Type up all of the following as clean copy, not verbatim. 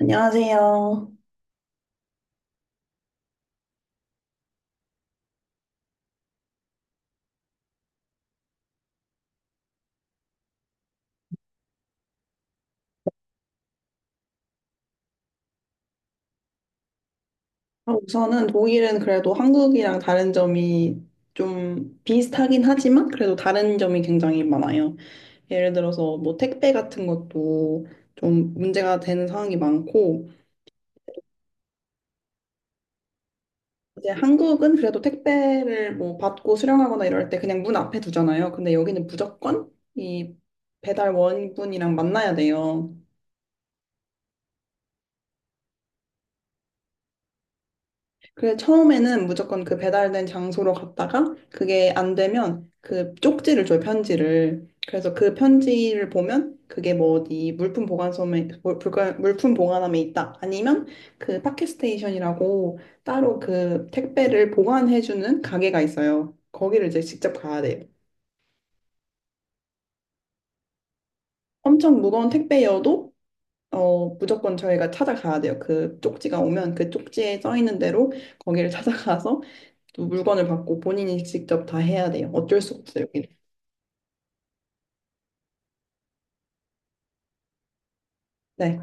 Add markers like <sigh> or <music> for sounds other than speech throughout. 안녕하세요. 아, 우선은 독일은 그래도 한국이랑 다른 점이 좀 비슷하긴 하지만 그래도 다른 점이 굉장히 많아요. 예를 들어서 뭐 택배 같은 것도 좀 문제가 되는 상황이 많고 이제 한국은 그래도 택배를 뭐 받고 수령하거나 이럴 때 그냥 문 앞에 두잖아요. 근데 여기는 무조건 이 배달원분이랑 만나야 돼요. 그래, 처음에는 무조건 그 배달된 장소로 갔다가 그게 안 되면 그 쪽지를 줘요, 편지를. 그래서 그 편지를 보면 그게 뭐 어디 물품 보관소에, 물- 물 물품 보관함에 있다. 아니면 그 파켓스테이션이라고 따로 그 택배를 보관해주는 가게가 있어요. 거기를 이제 직접 가야 돼요. 엄청 무거운 택배여도 무조건 저희가 찾아가야 돼요. 그 쪽지가 오면 그 쪽지에 써 있는 대로 거기를 <laughs> 찾아가서 또 물건을 받고 본인이 직접 다 해야 돼요. 어쩔 수 없어요, 여기는. 네.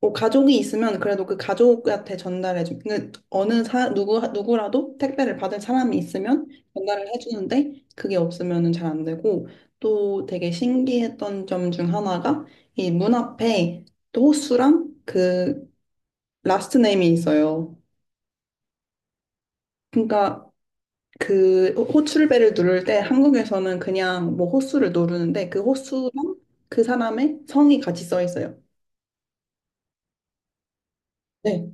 뭐 가족이 있으면 그래도 그 가족한테 전달해 주 그 어느 사 누구 누구라도 택배를 받을 사람이 있으면 전달을 해 주는데 그게 없으면은 잘 안 되고 또 되게 신기했던 점 중 하나가 이 문 앞에 또 호수랑 그 라스트 네임이 있어요. 그러니까 그 호출벨을 누를 때 한국에서는 그냥 뭐 호수를 누르는데 그 호수랑 그 사람의 성이 같이 써 있어요. 네,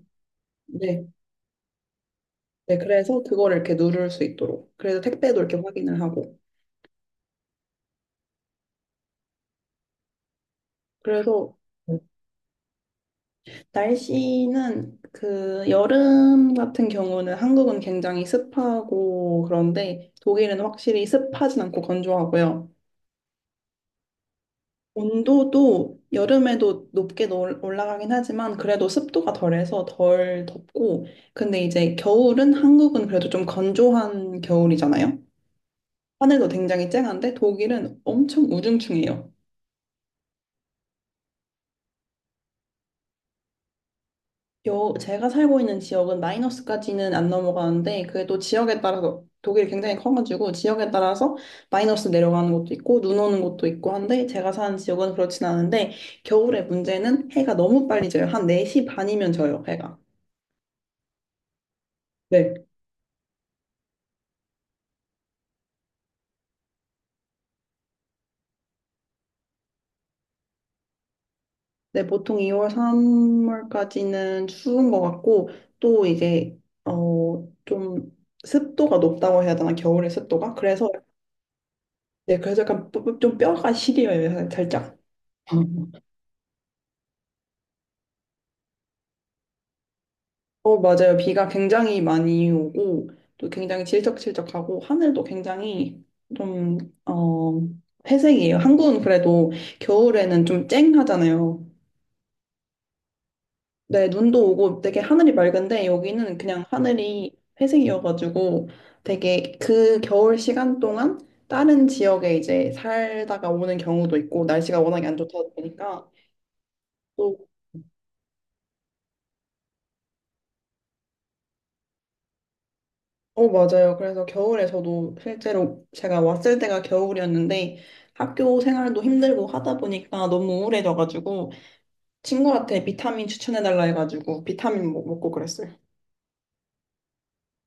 네, 네. 그래서 그거를 이렇게 누를 수 있도록. 그래서 택배도 이렇게 확인을 하고. 그래서 날씨는 그 여름 같은 경우는 한국은 굉장히 습하고 그런데 독일은 확실히 습하진 않고 건조하고요. 온도도 여름에도 높게 올라가긴 하지만 그래도 습도가 덜해서 덜 덥고 근데 이제 겨울은 한국은 그래도 좀 건조한 겨울이잖아요. 하늘도 굉장히 쨍한데 독일은 엄청 우중충해요. 제가 살고 있는 지역은 마이너스까지는 안 넘어가는데 그게 또 지역에 따라서 독일이 굉장히 커가지고 지역에 따라서 마이너스 내려가는 것도 있고 눈 오는 것도 있고 한데 제가 사는 지역은 그렇진 않은데 겨울의 문제는 해가 너무 빨리 져요. 한 4시 반이면 져요, 해가. 네. 네, 보통 2월, 3월까지는 추운 것 같고 또 이제 좀 습도가 높다고 해야 되나? 겨울의 습도가? 그래서 네, 그래서 약간 좀 뼈가 시려요, 살짝. 어, 맞아요. 비가 굉장히 많이 오고, 또 굉장히 질척질척하고, 하늘도 굉장히 좀, 어, 회색이에요. 한국은 그래도 겨울에는 좀 쨍하잖아요. 네, 눈도 오고 되게 하늘이 맑은데, 여기는 그냥 하늘이 회색이어가지고, 되게 그 겨울 시간 동안 다른 지역에 이제 살다가 오는 경우도 있고, 날씨가 워낙에 안 좋다 보니까, 또 맞아요. 그래서 겨울에 저도 실제로 제가 왔을 때가 겨울이었는데 학교 생활도 힘들고 하다 보니까 너무 우울해져가지고 친구한테 비타민 추천해달라 해가지고 비타민 먹고 그랬어요.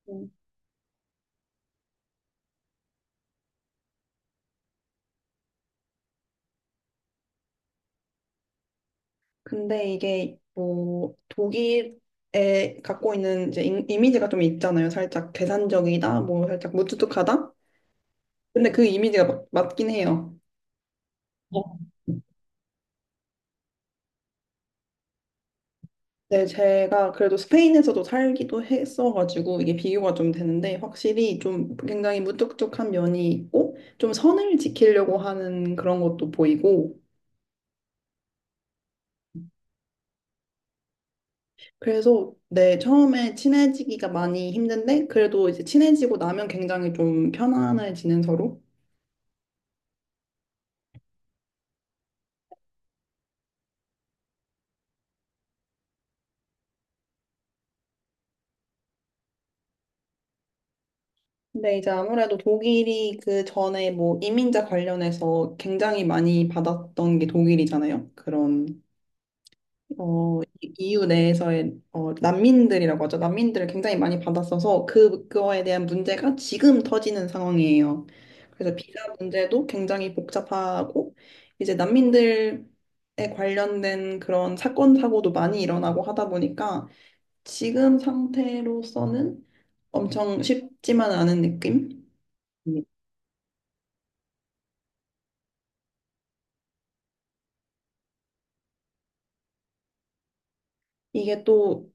음. 근데 이게 뭐 독일에 갖고 있는 이제 이미지가 좀 있잖아요. 살짝 계산적이다, 뭐 살짝 무뚝뚝하다. 근데 그 이미지가 맞긴 해요. 어. 네, 제가 그래도 스페인에서도 살기도 했어가지고 이게 비교가 좀 되는데 확실히 좀 굉장히 무뚝뚝한 면이 있고 좀 선을 지키려고 하는 그런 것도 보이고 그래서 네, 처음에 친해지기가 많이 힘든데 그래도 이제 친해지고 나면 굉장히 좀 편안해지는 서로. 근데 이제 아무래도 독일이 그 전에 뭐 이민자 관련해서 굉장히 많이 받았던 게 독일이잖아요. 그런 EU 내에서의 난민들이라고 하죠. 난민들을 굉장히 많이 받았어서 그거에 대한 문제가 지금 터지는 상황이에요. 그래서 비자 문제도 굉장히 복잡하고 이제 난민들에 관련된 그런 사건 사고도 많이 일어나고 하다 보니까 지금 상태로서는 엄청 쉽지만 않은 느낌? 음. 이게 또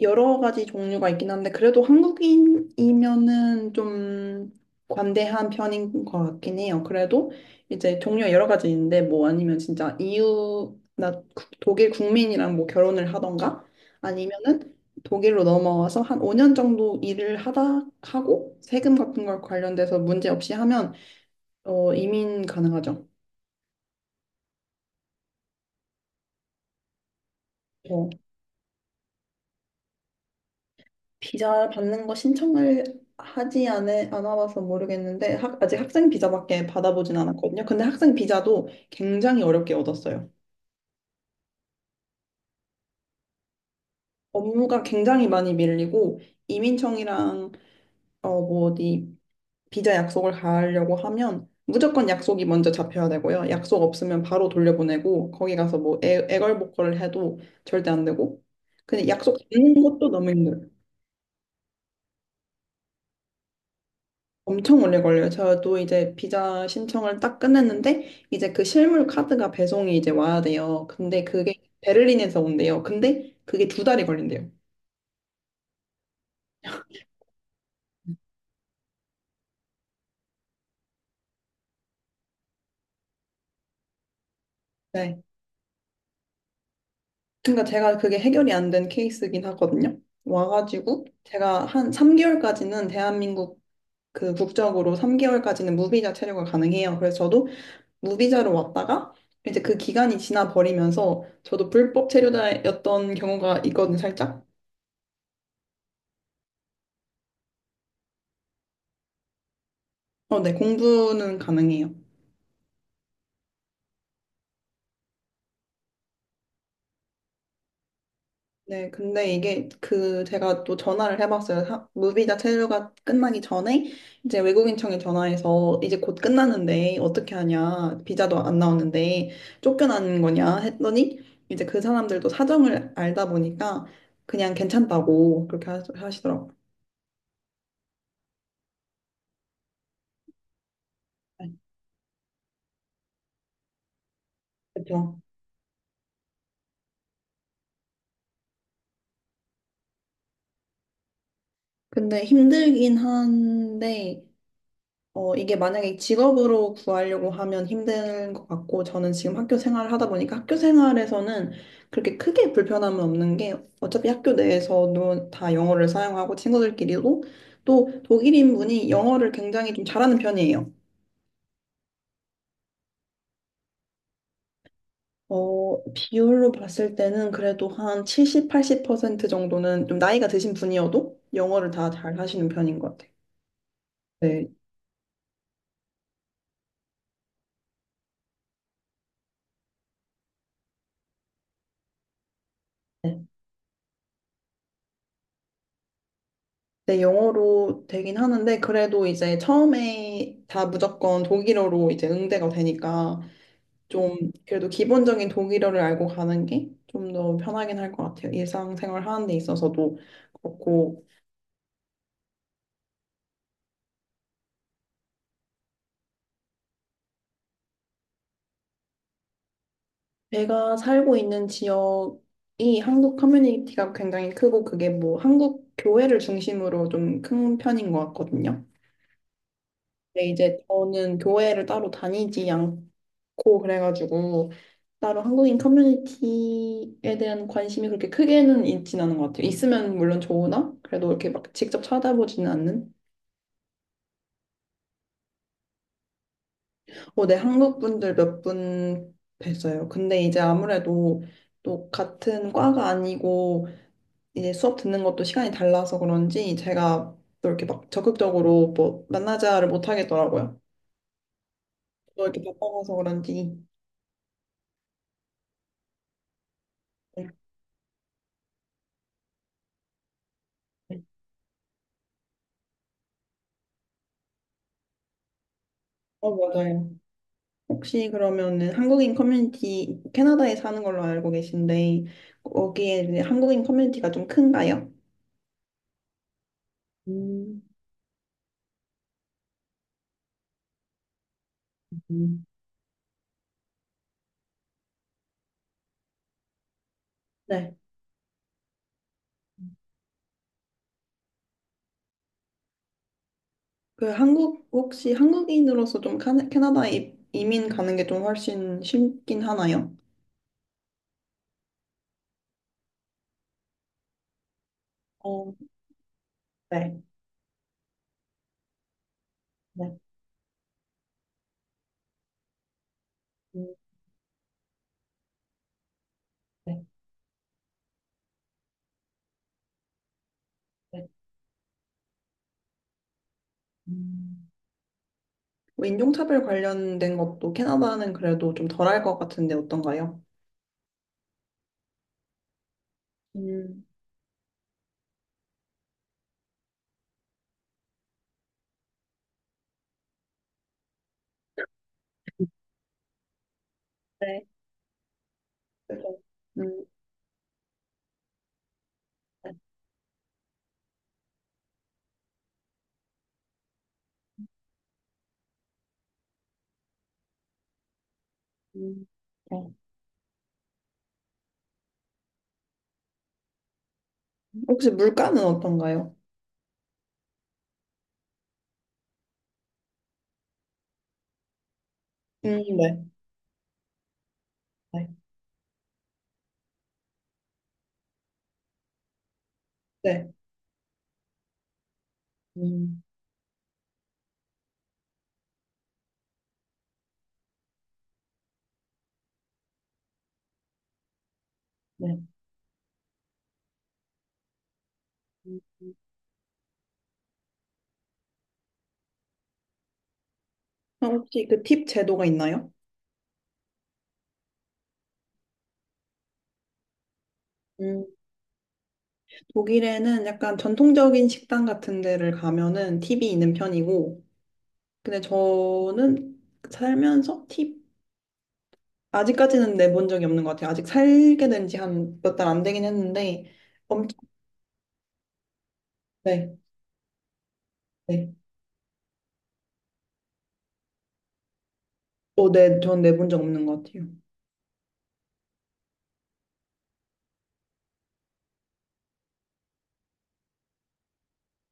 여러 가지 종류가 있긴 한데 그래도 한국인이면은 좀 관대한 편인 것 같긴 해요. 그래도 이제 종류가 여러 가지 있는데 뭐 아니면 진짜 이유 나 독일 국민이랑 뭐 결혼을 하던가 아니면은 독일로 넘어와서 한 5년 정도 일을 하다 하고 세금 같은 걸 관련돼서 문제 없이 하면 이민 가능하죠. 비자 받는 거 신청을 않아봐서 모르겠는데 아직 학생 비자밖에 받아보진 않았거든요. 근데 학생 비자도 굉장히 어렵게 얻었어요. 업무가 굉장히 많이 밀리고 이민청이랑 뭐 어디 비자 약속을 가려고 하면 무조건 약속이 먼저 잡혀야 되고요. 약속 없으면 바로 돌려보내고 거기 가서 뭐 애걸복걸을 해도 절대 안 되고 근데 약속 잡는 것도 너무 힘들어요. 엄청 오래 걸려요. 저도 이제 비자 신청을 딱 끝냈는데 이제 그 실물 카드가 배송이 이제 와야 돼요. 근데 그게 베를린에서 온대요. 근데 그게 두 달이 걸린대요. 네. 그러니까 제가 그게 해결이 안 된 케이스긴 하거든요. 와가지고 제가 한 3개월까지는 대한민국 그 국적으로 3개월까지는 무비자 체류가 가능해요. 그래서 저도 무비자로 왔다가 이제 그 기간이 지나 버리면서 저도 불법 체류자였던 경우가 있거든요, 살짝. 어, 네, 공부는 가능해요. 네, 근데 이게 그 제가 또 전화를 해봤어요. 무비자 체류가 끝나기 전에 이제 외국인청에 전화해서 이제 곧 끝나는데 어떻게 하냐, 비자도 안 나오는데 쫓겨나는 거냐 했더니 이제 그 사람들도 사정을 알다 보니까 그냥 괜찮다고 그렇게 하시더라고요. 네, 그렇죠. 근데 힘들긴 한데 이게 만약에 직업으로 구하려고 하면 힘든 것 같고, 저는 지금 학교 생활을 하다 보니까 학교 생활에서는 그렇게 크게 불편함은 없는 게, 어차피 학교 내에서도 다 영어를 사용하고 친구들끼리도 또 독일인분이 영어를 굉장히 좀 잘하는 편이에요. 어, 비율로 봤을 때는 그래도 한 70, 80% 정도는 좀 나이가 드신 분이어도 영어를 다 잘 하시는 편인 것 같아요. 네. 네, 영어로 되긴 하는데, 그래도 이제 처음에 다 무조건 독일어로 이제 응대가 되니까, 좀, 그래도 기본적인 독일어를 알고 가는 게 좀 더 편하긴 할 것 같아요. 일상생활 하는 데 있어서도 그렇고, 제가 살고 있는 지역이 한국 커뮤니티가 굉장히 크고, 그게 뭐 한국 교회를 중심으로 좀 큰 편인 것 같거든요. 근데 이제 저는 교회를 따로 다니지 않고, 고 그래가지고 따로 한국인 커뮤니티에 대한 관심이 그렇게 크게는 있진 않은 것 같아요. 있으면 물론 좋으나 그래도 이렇게 막 직접 찾아보지는 않는. 어, 네, 한국 분들 몇 분 뵀어요. 근데 이제 아무래도 또 같은 과가 아니고 이제 수업 듣는 것도 시간이 달라서 그런지 제가 또 이렇게 막 적극적으로 뭐 만나자를 못 하겠더라고요. 또 이렇게 바빠서 그런지. 네. 네. 어, 맞아요. 혹시 그러면은 한국인 커뮤니티 캐나다에 사는 걸로 알고 계신데 거기에 이제 한국인 커뮤니티가 좀 큰가요? 음, 음. 네. 그 한국 혹시 한국인으로서 좀 캐나다에 이민 가는 게 좀 훨씬 쉽긴 하나요? 어, 네, 네, 음, 네, 네. 음, 뭐 인종차별 관련된 것도 캐나다는 그래도 좀 덜할 것 같은데 어떤가요? 음, 네, 그래서, 음, 네, 음, 네. 혹시 물가는 어떤가요? 네, 네, 네, 음, 네. 음, 그럼 혹시 그 팁 제도가 있나요? 음, 독일에는 약간 전통적인 식당 같은 데를 가면은 팁이 있는 편이고, 근데 저는 살면서 팁 아직까지는 내본 적이 없는 것 같아요. 아직 살게 된지 한 몇 달 안 되긴 했는데, 엄청, 네, 네. 어, 네, 전 내본 적 없는 것 같아요.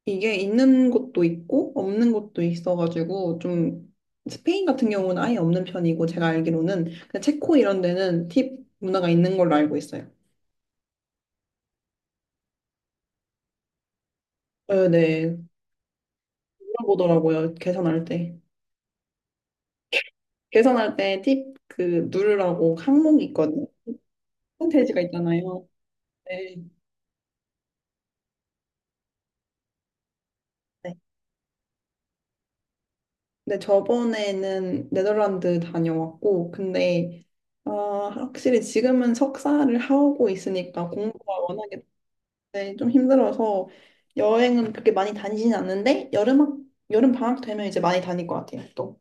이게 있는 곳도 있고 없는 곳도 있어가지고 좀 스페인 같은 경우는 아예 없는 편이고 제가 알기로는 그냥 체코 이런 데는 팁 문화가 있는 걸로 알고 있어요. 네, 네. 물어보더라고요. 계산할 때. 계산할 때 팁 그 누르라고 항목이 있거든요. 홈페이지가 있잖아요. 네. 네. 근데 저번에는 네덜란드 다녀왔고 근데 아, 확실히 지금은 석사를 하고 있으니까 공부가 워낙에 네, 좀 힘들어서 여행은 그렇게 많이 다니지는 않는데 여름 여름 방학 되면 이제 많이 다닐 것 같아요. 또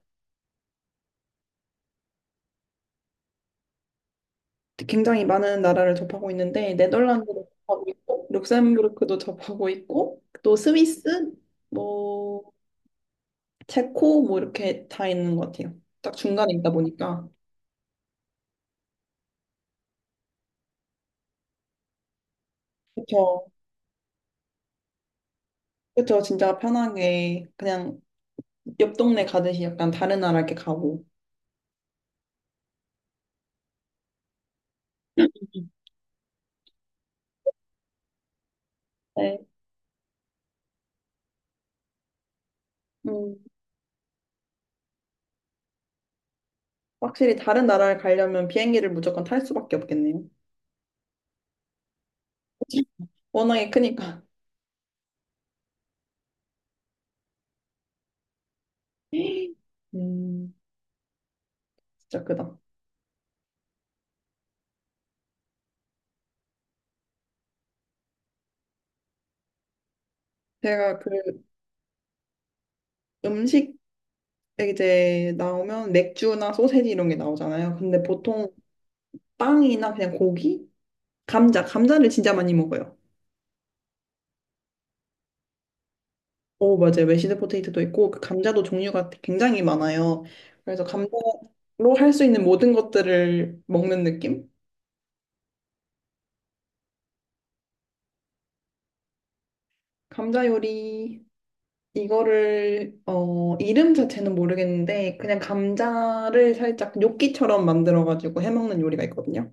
굉장히 많은 나라를 접하고 있는데 네덜란드도 접하고 있고 룩셈부르크도 접하고 있고 또 스위스 뭐 체코 뭐 이렇게 다 있는 것 같아요. 딱 중간에 있다 보니까 그렇죠, 그렇죠. 진짜 편하게 그냥 옆 동네 가듯이 약간 다른 나라 이렇게 가고. 네, 음, 확실히 다른 나라를 가려면 비행기를 무조건 탈 수밖에 없겠네요. <laughs> 워낙에 크니까. <gasps> 음, 진짜 크다. 제가 그 음식 이제 나오면 맥주나 소세지 이런 게 나오잖아요. 근데 보통 빵이나 그냥 고기? 감자, 감자를 진짜 많이 먹어요. 오, 맞아요. 메시드 포테이토도 있고, 그 감자도 종류가 굉장히 많아요. 그래서 감자로 할 수 있는 모든 것들을 먹는 느낌? 감자 요리, 이거를, 이름 자체는 모르겠는데, 그냥 감자를 살짝 요끼처럼 만들어가지고 해먹는 요리가 있거든요.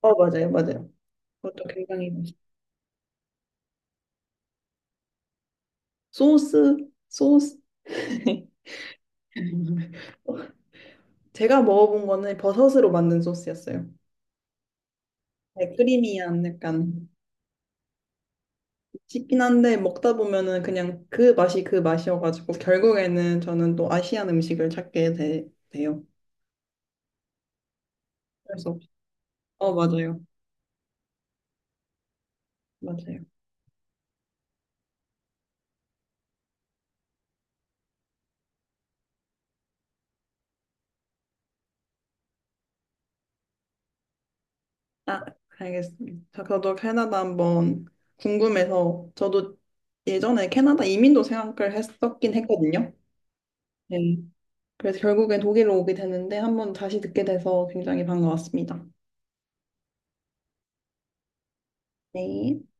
어, 맞아요, 맞아요. 그것도 굉장히 소스, 소스. <laughs> 제가 먹어본 거는 버섯으로 만든 소스였어요. 네, 크리미한 약간 씹긴 한데 먹다 보면은 그냥 그 맛이 그 맛이어가지고 결국에는 저는 또 아시안 음식을 찾게 돼요. 그래서 맞아요, 맞아요. 아, 알겠습니다. 저도 캐나다 한번 궁금해서 저도 예전에 캐나다 이민도 생각을 했었긴 했거든요. 네. 그래서 결국엔 독일로 오게 되는데 한번 다시 듣게 돼서 굉장히 반가웠습니다. 네.